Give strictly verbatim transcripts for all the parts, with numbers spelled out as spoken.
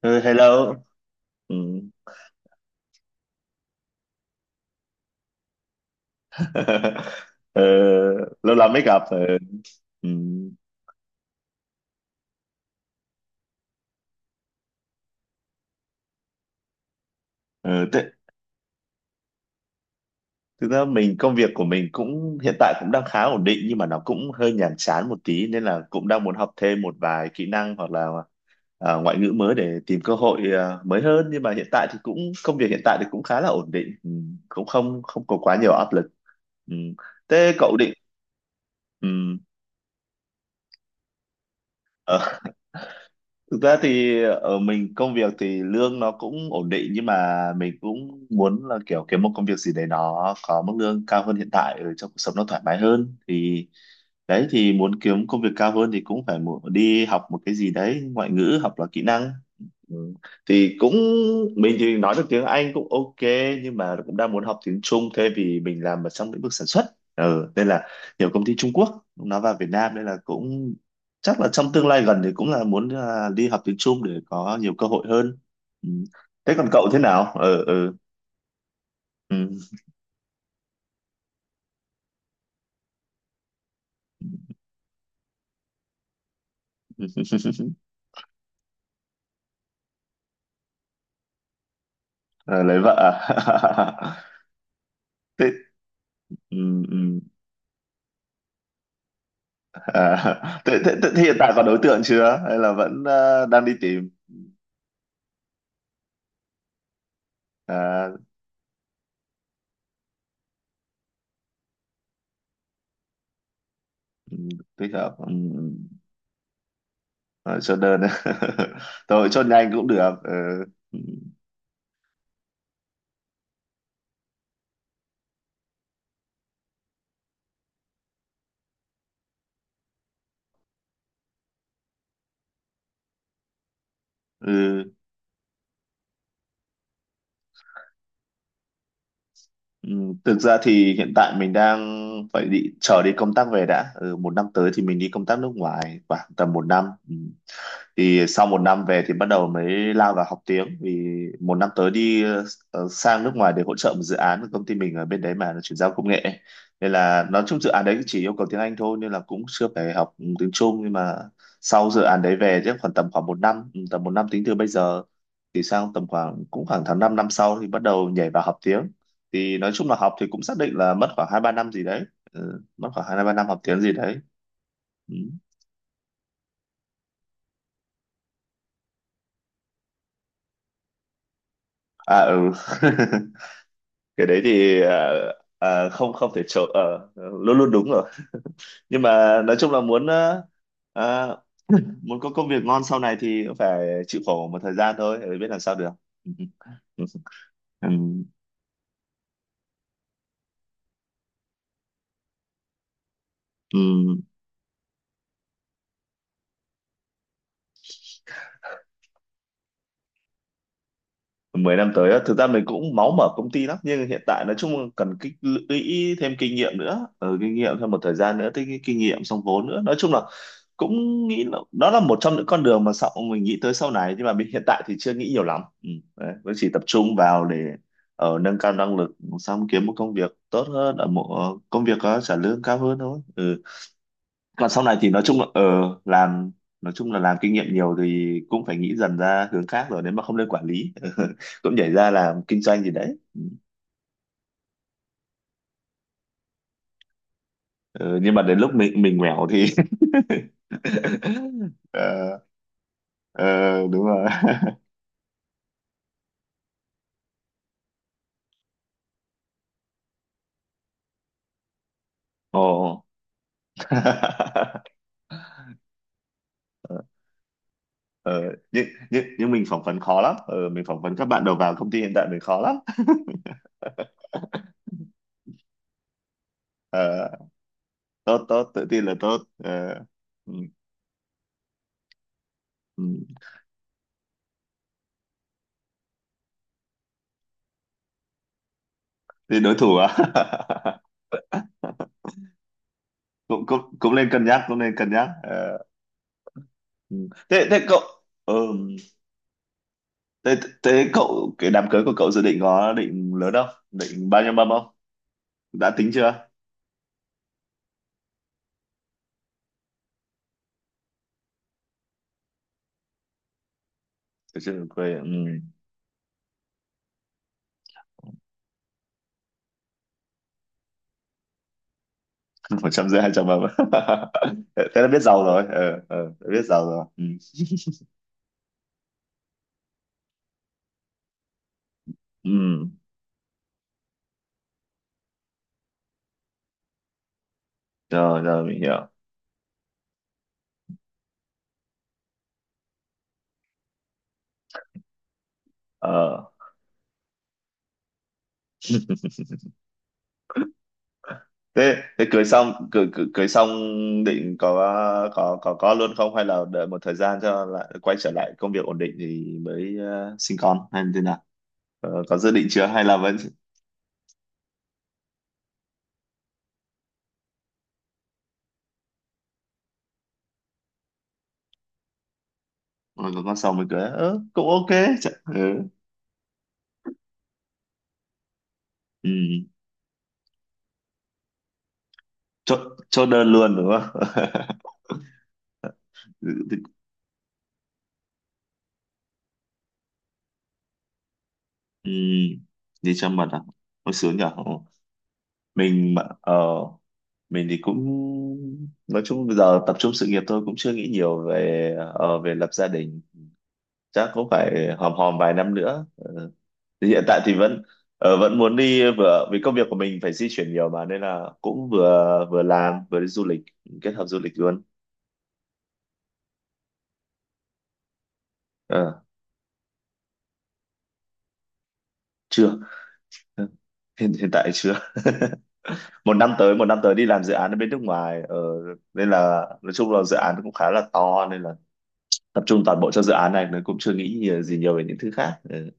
Ừ, hello. Ừ. Ờ, Lâu lắm mới gặp. Ờ, Ừ. Ờ, Thế, thực ra mình công việc của mình cũng hiện tại cũng đang khá ổn định, nhưng mà nó cũng hơi nhàm chán một tí nên là cũng đang muốn học thêm một vài kỹ năng hoặc là à, ngoại ngữ mới để tìm cơ hội à, mới hơn, nhưng mà hiện tại thì cũng công việc hiện tại thì cũng khá là ổn định. Ừ. Cũng không không có quá nhiều áp lực. Ừ. Thế cậu định. ừ. ờ, Thực ra thì ở mình công việc thì lương nó cũng ổn định, nhưng mà mình cũng muốn là kiểu kiếm một công việc gì đấy nó có mức lương cao hơn hiện tại, ở trong cuộc sống nó thoải mái hơn, thì đấy thì muốn kiếm công việc cao hơn thì cũng phải mu- đi học một cái gì đấy ngoại ngữ hoặc là kỹ năng. ừ. Thì cũng mình thì nói được tiếng Anh cũng ok, nhưng mà cũng đang muốn học tiếng Trung, thế vì mình làm ở trong lĩnh vực sản xuất, ừ. nên là nhiều công ty Trung Quốc nó vào Việt Nam nên là cũng chắc là trong tương lai gần thì cũng là muốn à, đi học tiếng Trung để có nhiều cơ hội hơn. ừ. Thế còn cậu thế nào? Ừ, ừ. Ừ. Ờ, lấy vợ à? Thế, ừ, ừ. À, thế, thế, thế hiện tại có đối tượng chưa hay là vẫn ờ, đang đi tìm? à, ừ, thích hợp. Ừ, ừ. Chốt đơn. Thôi chốt nhanh cũng được. Ừ. Ừ. Ừ. Thực ra thì hiện tại mình đang phải đi chờ đi công tác về đã, ừ, một năm tới thì mình đi công tác nước ngoài khoảng tầm một năm. Ừ. Thì sau một năm về thì bắt đầu mới lao vào học tiếng, vì một năm tới đi ờ, sang nước ngoài để hỗ trợ một dự án của công ty mình ở bên đấy, mà nó chuyển giao công nghệ, nên là nói chung dự án đấy chỉ yêu cầu tiếng Anh thôi, nên là cũng chưa phải học tiếng Trung. Nhưng mà sau dự án đấy về chắc khoảng tầm khoảng một năm, ừ, tầm một năm tính từ bây giờ, thì sang tầm khoảng cũng khoảng tháng 5 năm năm sau thì bắt đầu nhảy vào học tiếng. Thì nói chung là học thì cũng xác định là mất khoảng hai ba năm gì đấy, ừ, mất khoảng hai ba năm học tiếng gì đấy. Ừ. À, ừ. Cái đấy thì ờ, ờ, không không thể trộn, ờ, luôn luôn đúng rồi, nhưng mà nói chung là muốn ờ, ờ, muốn có công việc ngon sau này thì cũng phải chịu khổ một thời gian thôi, biết làm sao được. Ừ. Ừ. Ừ. Mười năm tới á, thực ra mình cũng máu mở công ty lắm, nhưng hiện tại nói chung là cần tích lũy thêm kinh nghiệm nữa, ừ, kinh nghiệm thêm một thời gian nữa, tích kinh nghiệm xong vốn nữa, nói chung là cũng nghĩ là đó là một trong những con đường mà sau mình nghĩ tới sau này. Nhưng mà mình hiện tại thì chưa nghĩ nhiều lắm, ừ, đấy, vẫn chỉ tập trung vào để ở nâng cao năng lực, xong kiếm một công việc tốt hơn, ở một ờ, công việc có trả lương cao hơn thôi. ừ Còn sau này thì nói chung là ờ làm, nói chung là làm kinh nghiệm nhiều thì cũng phải nghĩ dần ra hướng khác rồi, nếu mà không lên quản lý cũng nhảy ra làm kinh doanh gì đấy. Ờ, nhưng mà đến lúc mình mình nghèo thì ờ, ờ, đúng rồi. Ồ. ờ, nhưng, nhưng, nhưng mình phỏng vấn khó lắm, ờ, mình phỏng vấn các bạn đầu vào công ty hiện tại mình khó lắm. ờ, tốt tốt tự tin là tốt. ờ, ừ, ừ. Thì đối thủ à? cũng cũng cũng nên cân nhắc, cũng nên cân nhắc. Ờ, Ừ. Thế thế cậu ừ. thế thế cậu cái đám cưới của cậu dự định có định lớn không? Định bao nhiêu mâm không? Đã tính chưa? Chưa chưa, Quê. Ừ. một trăm rưỡi hai trăm mâm. Thế thế là biết giàu rồi. Ờ ờ đã biết giàu rồi. Ừ. Ừ. Rồi rồi mình hiểu. Ờ thế thế cưới xong cưới, cưới, cưới xong định có có có có luôn không, hay là đợi một thời gian cho lại quay trở lại công việc ổn định thì mới ờ, sinh con hay như thế nào? Ờ, có dự định chưa hay là vẫn. Rồi còn con sòng mình cười, ớ cũng ok. Chả, ừ. Ừ. Cho, cho đơn luôn đúng không? ừ. Đi cho mật à? Hồi sướng nhở. Mình mà ờ mình thì cũng, nói chung bây giờ tập trung sự nghiệp thôi, cũng chưa nghĩ nhiều về ờ, về lập gia đình. Chắc cũng phải hòm hòm vài năm nữa. Ờ, thì hiện tại thì vẫn, ờ, vẫn muốn đi, vừa vì công việc của mình phải di chuyển nhiều mà nên là cũng vừa, vừa làm vừa đi du lịch, kết hợp du lịch luôn. Ờ, chưa, hiện hiện tại chưa. một năm tới một năm tới đi làm dự án ở bên nước ngoài, ờ, nên là nói chung là dự án cũng khá là to nên là tập trung toàn bộ cho dự án này, nên cũng chưa nghĩ nhiều- gì nhiều về những thứ khác. Ừ.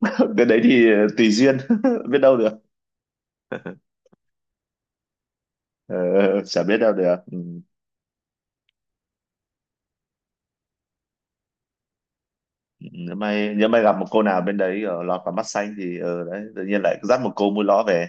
Cái đấy thì ờ, tùy duyên. Biết đâu được. Ờ, chả biết đâu được. ừ. nếu may nếu may gặp một cô nào bên đấy ờ, lọt vào mắt xanh thì ờ, đấy, tự nhiên lại dắt một cô mua ló về.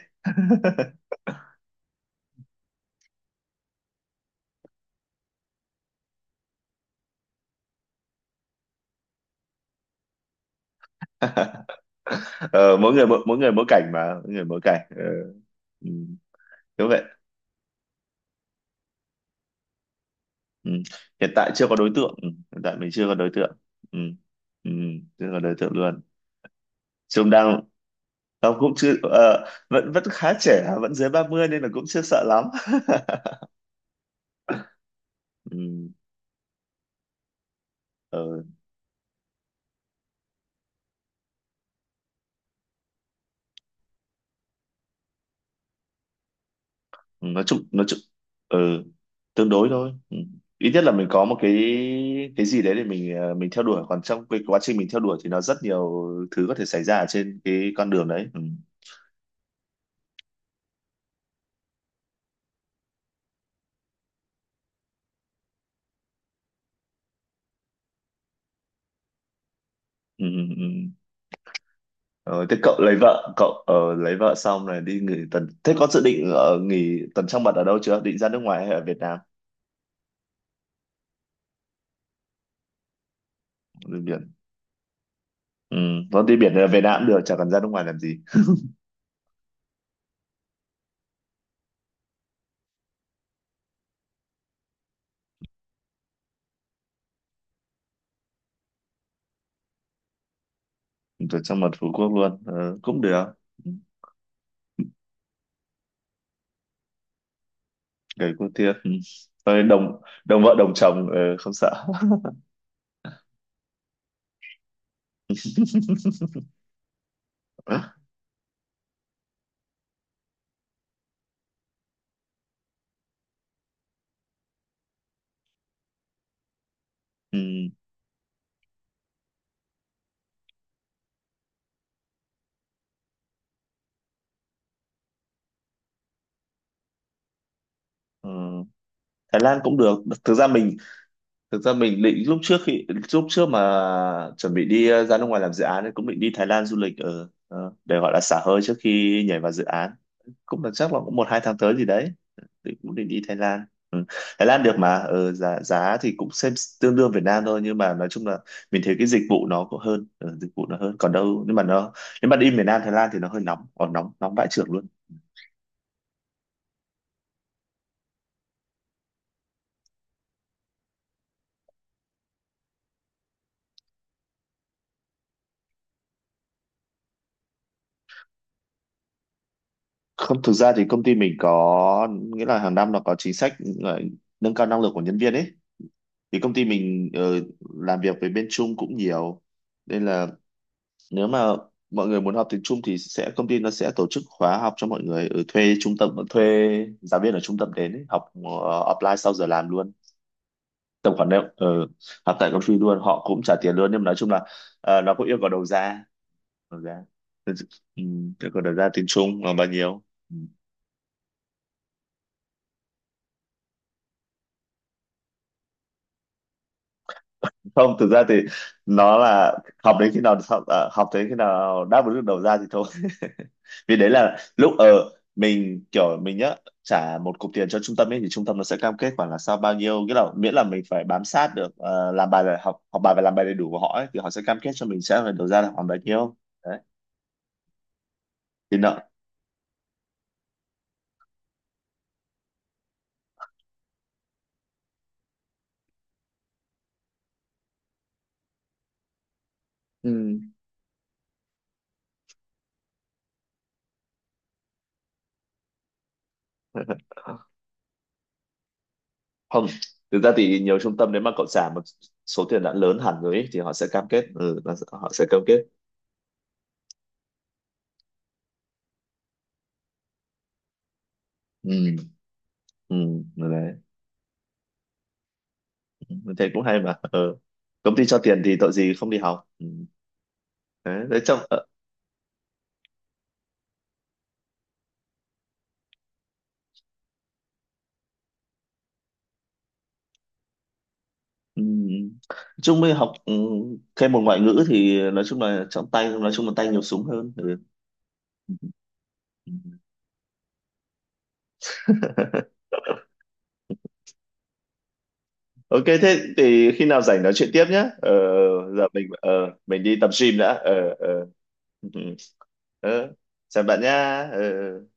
ờ, mỗi người mỗi, Mỗi người mỗi cảnh, mà mỗi người mỗi cảnh. ờ. ừ. Đúng vậy. Ừ. Hiện tại chưa có đối tượng. ừ. Hiện tại mình chưa có đối tượng. Ừ. Ừ. Chưa có đối tượng luôn, chứ đang ông cũng chưa, ờ, vẫn vẫn khá trẻ, vẫn dưới ba mươi nên là cũng chưa sợ lắm. Ừ. Ừ. nói chung nói chung, ừ. tương đối thôi. ừ. Ít nhất là mình có một cái cái gì đấy để mình ờ, mình theo đuổi, còn trong cái quá trình mình theo đuổi thì nó rất nhiều thứ có thể xảy ra ở trên cái con đường đấy. Ừ. Ừ. Ừ. ừ. Ờ, thế cậu lấy vợ, cậu ờ, lấy vợ xong này đi nghỉ tuần, thế có dự định ở nghỉ tuần trăng mật ở đâu chưa, định ra nước ngoài hay ở Việt Nam? Đi biển. ừ. Có đi biển ở Việt Nam cũng được, chẳng cần ra nước ngoài làm gì. Tuần trăng mật Phú Quốc luôn, ờ, cũng được. Ừ, gầy cô thiệt. ừ. Thôi đồng đồng vợ đồng chồng, ờ, không sợ. Ừ. Ừ. Thái Lan cũng được. Thực ra mình thực ra mình định lúc trước khi lúc trước mà chuẩn bị đi ờ, ra nước ngoài làm dự án ấy, cũng định đi Thái Lan du lịch, ở để gọi là xả hơi trước khi nhảy vào dự án, cũng là chắc là cũng một hai tháng tới gì đấy, thì cũng định đi Thái Lan. Ừ. Thái Lan được mà, ừ, giá giá thì cũng xem tương đương Việt Nam thôi, nhưng mà nói chung là mình thấy cái dịch vụ nó cũng hơn, ừ, dịch vụ nó hơn còn đâu. Nhưng mà nó, nếu mà đi miền Nam Thái Lan thì nó hơi nóng, còn nóng nóng vãi chưởng luôn. Không, thực ra thì công ty mình có nghĩa là hàng năm nó có chính sách ờ, nâng cao năng lực của nhân viên ấy. Thì công ty mình ờ, làm việc với bên Trung cũng nhiều, nên là nếu mà mọi người muốn học tiếng Trung thì sẽ, công ty nó sẽ tổ chức khóa học cho mọi người, ở thuê trung tâm, thuê giáo viên ở trung tâm đến ấy, học ờ, offline sau giờ làm luôn. Tầm khoảng đấy, ờ, học tại công ty luôn, họ cũng trả tiền luôn, nhưng mà nói chung là ờ, nó cũng yêu cầu đầu ra, đầu ra, ừ, yêu cầu đầu ra tiếng Trung là bao nhiêu. Ừ. Không, thực ra thì nó là học đến khi nào học, à, học đến khi nào đáp ứng được đầu ra thì thôi. Vì đấy là lúc ở mình kiểu mình nhá, trả một cục tiền cho trung tâm ấy, thì trung tâm nó sẽ cam kết khoảng là sau bao nhiêu cái, là miễn là mình phải bám sát được, ờ, làm bài là học học bài và làm bài đầy đủ của họ ấy, thì họ sẽ cam kết cho mình sẽ phải đầu ra là khoảng bao nhiêu. Đấy thì nợ. Ừ. Không, thực ra thì nhiều trung tâm nếu mà cậu trả một số tiền đã lớn hẳn rồi ấy, thì họ sẽ cam kết, ừ, là họ sẽ cam kết. Ừ, ừ. Đấy, thế cũng hay mà. Ừ. Công ty cho tiền thì tội gì không đi học. Ừ. đấy, đấy trong. Ừ. Chung mới học, ừ, thêm một ngoại ngữ thì nói chung là trong tay, nói chung là tay nhiều súng hơn. Ừ. Ok, thế thì khi nào rảnh nói chuyện tiếp nhé. Ờ, giờ mình ờ, mình đi tập gym đã. Ờ, ờ. Ừ. Ờ, chào bạn nha. Ờ.